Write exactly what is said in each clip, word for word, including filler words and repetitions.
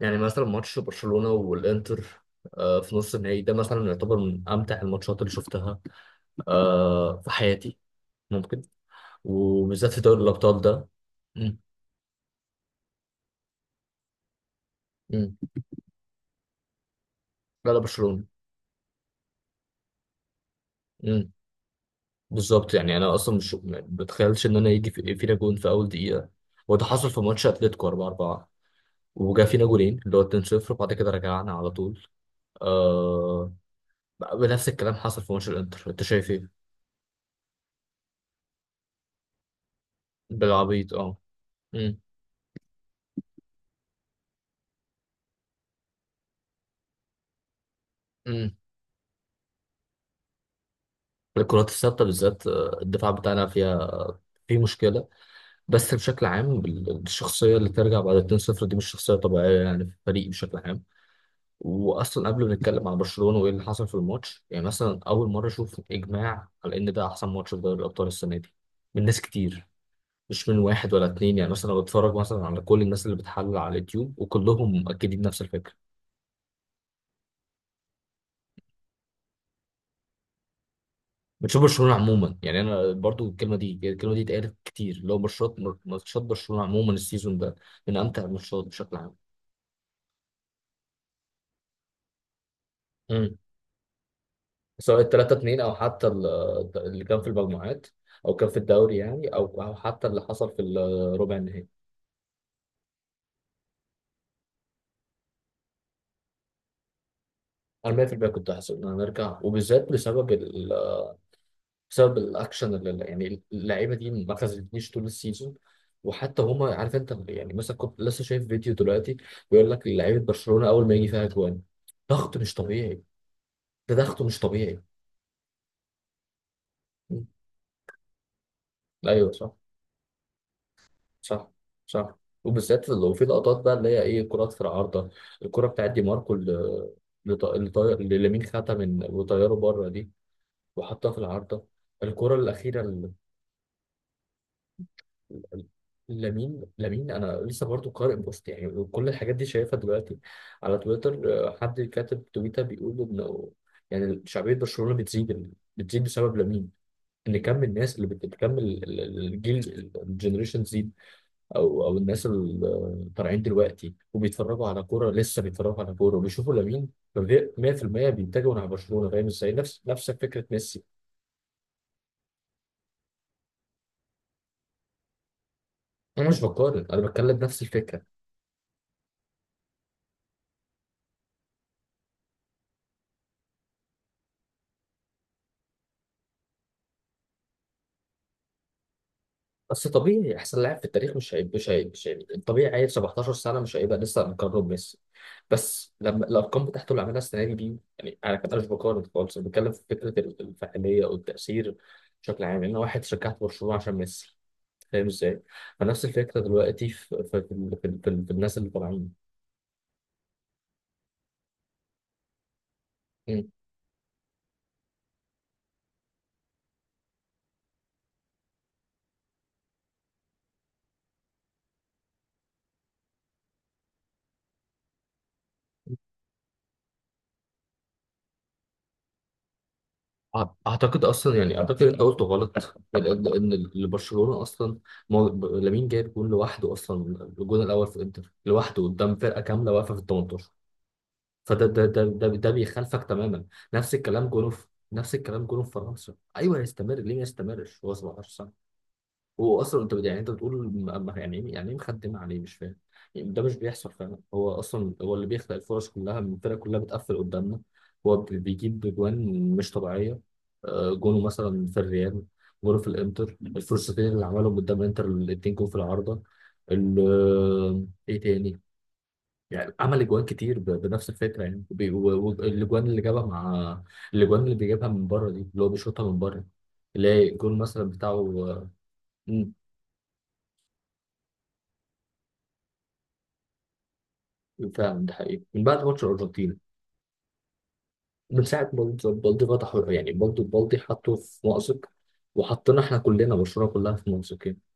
يعني مثلا ماتش برشلونة والإنتر، آه، في نص النهائي ده مثلا يعتبر من أمتع الماتشات اللي شفتها، آه، في حياتي. ممكن، وبالذات في دوري الأبطال ده. مم. مم. لا لا، برشلونة. مم. بالظبط. يعني أنا أصلا مش ما بتخيلش إن أنا يجي في- فينا جون في أول دقيقة. وده حصل في ماتش أتلتيكو اربعة اربعة. وجا فينا جولين اللي هو اتنين صفر، وبعد كده رجعنا على طول. آه بنفس الكلام حصل في ماتش الإنتر. أنت شايف إيه؟ بالعبيط أه مم. الكرات الثابته بالذات آه، الدفاع بتاعنا فيها في مشكله. بس بشكل عام بال- الشخصيه اللي ترجع بعد اثنين صفر دي مش شخصيه طبيعيه، يعني في الفريق بشكل عام. واصلا قبل ما نتكلم عن برشلونه وايه اللي حصل في الماتش، يعني مثلا اول مره اشوف اجماع على ان ده احسن ماتش في دوري الابطال السنه دي، من ناس كتير، مش من واحد ولا اتنين. يعني مثلا بتفرج مثلا على كل الناس اللي بتحلل على اليوتيوب وكلهم مؤكدين نفس الفكره. بتشوف برشلونه عموما. يعني انا برضو الكلمه دي الكلمه دي اتقالت كتير، اللي هو ماتشات ماتشات برشلونه عموما السيزون ده من امتع الماتشات بشكل عام. امم سواء ال تلاتة اتنين او حتى ال- اللي كان في المجموعات، او كان في الدوري يعني، او او حتى اللي حصل في الربع النهائي. انا مئة بالمئة كنت هحسب ان انا نرجع، وبالذات بسبب، بسبب الاكشن اللي يعني اللعيبه دي ما خذتنيش طول السيزون. وحتى هما، عارف انت، يعني مثلا كنت لسه شايف فيديو دلوقتي بيقول لك لعيبه برشلونه اول ما يجي فيها جوان ضغط مش طبيعي. ده ضغط مش طبيعي. م. ايوه صح. صح. صح. وبالذات لو في لقطات بقى، اللي هي ايه، كرات في العارضه. الكره بتاعت دي ماركو اللي لط- اللي طاير، اللي لامين خدها من وطياره بره دي وحطها في العارضه. الكره الاخيره. لامين لامين، انا لسه برضو قارئ بوست، يعني كل الحاجات دي شايفها دلوقتي على تويتر. آه، حد كاتب تويتر بيقول انه يعني شعبيه برشلونه بتزيد بتزيد بسبب لامين. ان كم الناس اللي بت- بتكمل ال- ال- الجيل، الجنريشن زيد. او او الناس اللي طالعين دلوقتي وبيتفرجوا على كوره، لسه بيتفرجوا على كوره وبيشوفوا لامين. فبي- مية بالمية بيتجهوا نحو برشلونه. فاهم ازاي؟ نفس نفس فكره ميسي. انا مش بقارن، انا بتكلم نفس الفكره. بس طبيعي احسن لاعب في التاريخ مش هيبقى مش هيبقى مش هيبقى طبيعي. عيل سبعتاشر سنه مش هيبقى لسه مقرب ميسي. بس لما الارقام بتاعته اللي عملها السنه دي دي يعني انا كان مش بقارن خالص، انا بتكلم في فكره ال- الفاعليه والتاثير بشكل عام، ان واحد شجعت برشلونه عشان ميسي. فاهم ازاي؟ فنفس الفكره دلوقتي في في في, في, في, في الناس اللي طالعين. مم. أع- اعتقد اصلا، يعني اعتقد انت قلت غلط، ان ان إن برشلونه اصلا، مو- ب- لامين جايب جون لوحده اصلا. الجون الاول في انتر لوحده قدام فرقه كامله واقفه في ال تمنتاشر. فده ده ده ده, ده بيخالفك تماما. نفس الكلام جونه في نفس الكلام جونه في فرنسا. ايوه، يستمر. ليه ما يستمرش، هو سبعة عشر. هو اصلا انت بت- يعني انت بتقول م- م- يعني ايه، يعني ايه مخدم عليه، مش فاهم. يعني ده مش بيحصل فعلا، هو اصلا هو اللي بيخلق الفرص كلها، الفرقه كلها بتقفل قدامنا. هو بي- بيجيب جوان مش طبيعيه. آه، جونه مثلا في الريال، جونه في الانتر، الفرصتين اللي عملهم قدام الانتر الاتنين، جون في العارضه. ال- آه، ايه تاني. يعني عمل جوان كتير ب- بنفس الفكره يعني، وبي- و- والاجوان اللي جابها مع، الاجوان اللي بيجيبها من بره دي، اللي هو بيشوطها من بره، اللي هي الجون مثلا بتاعه. فعلا ده حقيقي من بعد ماتش الأرجنتين. من ساعة بالدي بالدي فتحوا، يعني برضه بالدي حطه في مأزق، وحطينا احنا كلنا برشلونة كلها في مأزقين.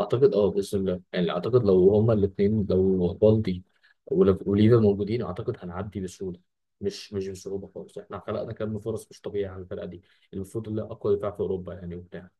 أعتقد أه بإذن الله. يعني أعتقد لو هما الاتنين، لو بالدي ولف- وليفا موجودين، أعتقد هنعدي بسهولة. مش مش بصعوبة خالص. احنا خلقنا كم فرص مش طبيعية على الفرقة دي، المفروض اللي أقوى دفاع في أوروبا يعني وبتاع.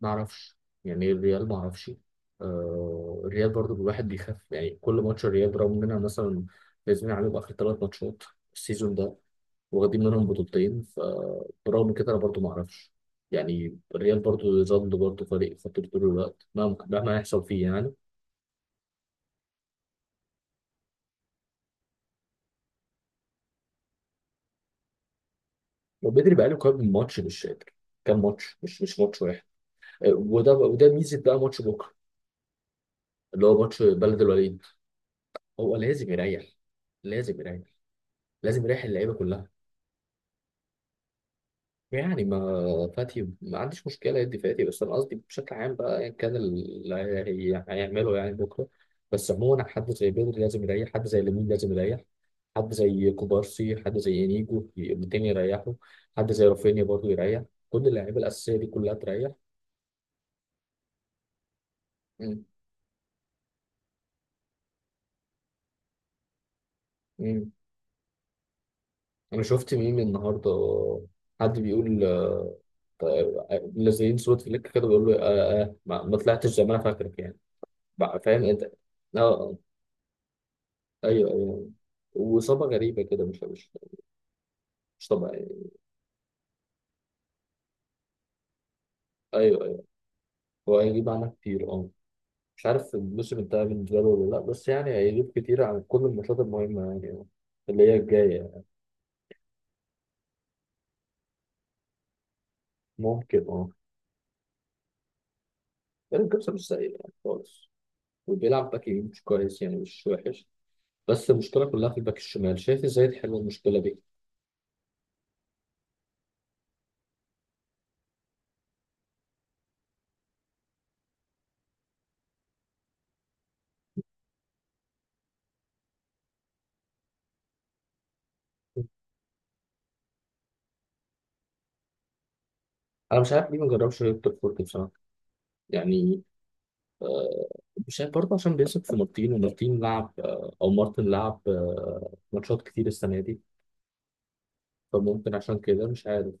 ما اعرفش، يعني ايه الريال، ما اعرفش. آه الريال برضو الواحد بيخاف، يعني كل ماتش الريال، برغم اننا مثلا فايزين عليهم اخر ثلاث ماتشات السيزون ده، واخدين منهم بطولتين، فبرغم كده انا برضو ما اعرفش. يعني الريال برضو يظل برضو فريق خطير طول الوقت، مهما مهما يحصل فيه يعني. وبدري بقاله كام ماتش مش فاكر، كام ماتش، مش مش ماتش واحد. آه، وده وده ميزه بقى ماتش بكره، اللي هو ماتش بلد الوليد. هو لازم يريح، لازم يريح، لازم يريح اللعيبه كلها. يعني ما فاتي، ما عنديش مشكلة يدي فاتي، بس أنا قصدي بشكل عام بقى، أيا كان اللي هي- هيعمله يعني بكرة. بس عموما حد زي بدري لازم يريح، حد زي لامين لازم يريح، حد زي كوبارسي، حد زي إنيجو التاني يريحوا، حد زي رافينيا برضه يريح، كل اللعيبة الأساسية دي كلها تريح. مم. مم. أنا شفت ميم النهاردة، حد بيقول آه، طيب، منزلين صورة فليك كده بيقول له آه آه ما ما طلعتش زي ما أنا فاكرك يعني. بقى فاهم أنت. اه. ايوه، ايوه. وإصابة غريبة كده مش مش مش طبيعية. ايوه، ايوه. هو هيجيب عنها كتير، اه. مش عارف الموسم انتهى بالنسبة له ولا لا، بس يعني هيجيب كتير عن كل الماتشات المهمة يعني، آه، اللي هي الجاية يعني. ممكن، اه. يعني الجبسة مش سيء يعني خالص، وبيلعب باك يمين مش كويس يعني، مش وحش، بس المشكلة كلها في الباك الشمال. شايف ازاي تحل المشكلة دي؟ انا مش عارف ليه ما جربش هيكتور فورت بصراحة. يعني آه، مش عارف برضه، عشان بيثق في مارتين، ومارتين لعب آه، او مارتن لعب آه، ماتشات كتير السنة دي، فممكن عشان كده مش عارف.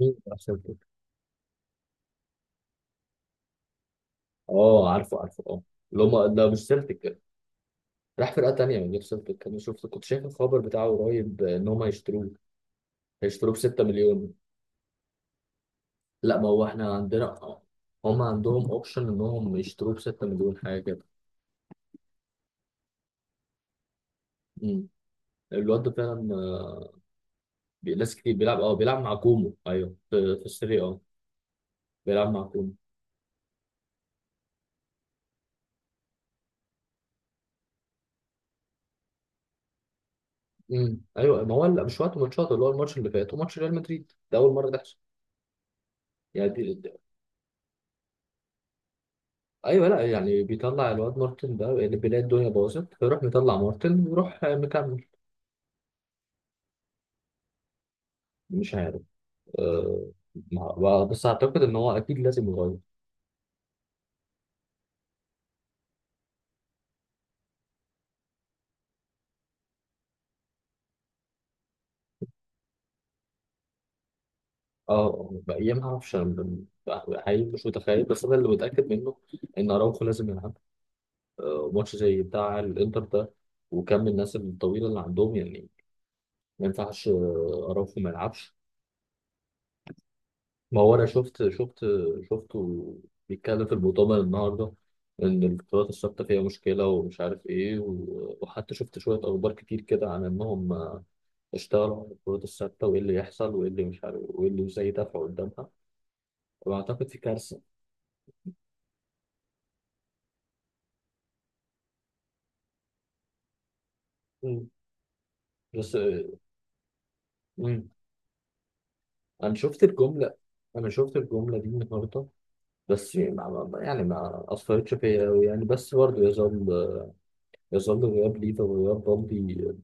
مين راح سيلتيك؟ اه، عارفه عارفه اه. اللي هم ده مش سيلتيك، راح فرقه تانيه من غير سيلتيك. انا شفت كنت شايف الخبر بتاعه قريب ان هم هيشتروه. هيشتروه ب ستة مليون. لا، ما هو احنا عندنا آه، هم عندهم اوبشن انهم يشتروه ب ست مليون حاجه كده. امم الواد ده فعلا آه، بي- ناس كتير بيلعب اه بيلعب مع كومو، ايوه، في في السيريا اه، بيلعب مع كومو. امم ايوه، ما هو لا، مش وقت ماتشات، اللي هو الماتش اللي فات وماتش ريال مدريد ده اول مره تحصل. يعني دي ايوه، لا يعني بيطلع الواد مارتن ده اللي بيلاقي الدنيا باظت، فيروح مطلع مارتن ويروح مكمل. مش عارف، أه مع- بس اعتقد ان هو اكيد لازم يغير. اه بقى ما اعرفش أنا، ب- حقيقي مش متخيل، بس انا اللي متاكد منه ان اراوخو لازم يلعب. أه ماتش زي بتاع الانتر ده وكم الناس الطويله اللي عندهم يعني، ما ينفعش آه، اراوخو ما يلعبش. ما هو انا شفت شفت شفته بيتكلم في المؤتمر النهارده، ان القطارات الثابته فيها مشكله ومش عارف ايه، و- وحتى شفت شويه اخبار كتير كده عن انهم اشتغلوا على القطارات الثابته وايه اللي يحصل وايه اللي مش عارف وايه اللي ازاي يدافعوا قدامها. واعتقد في كارثه. مم. بس مم. انا شفت الجمله انا شفت الجمله دي النهارده. بس ما ما- يعني ما اثرتش فيا أوي يعني. بس برضه يظل يظل غياب ليه، فغياب رمزي،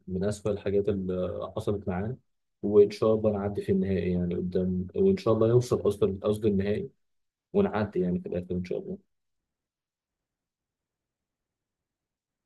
من أسوأ الحاجات اللي حصلت معانا. وإن شاء الله نعدي في النهائي يعني قدام، وإن شاء الله يوصل قصد قصد النهائي، ونعدي يعني في الآخر إن شاء الله.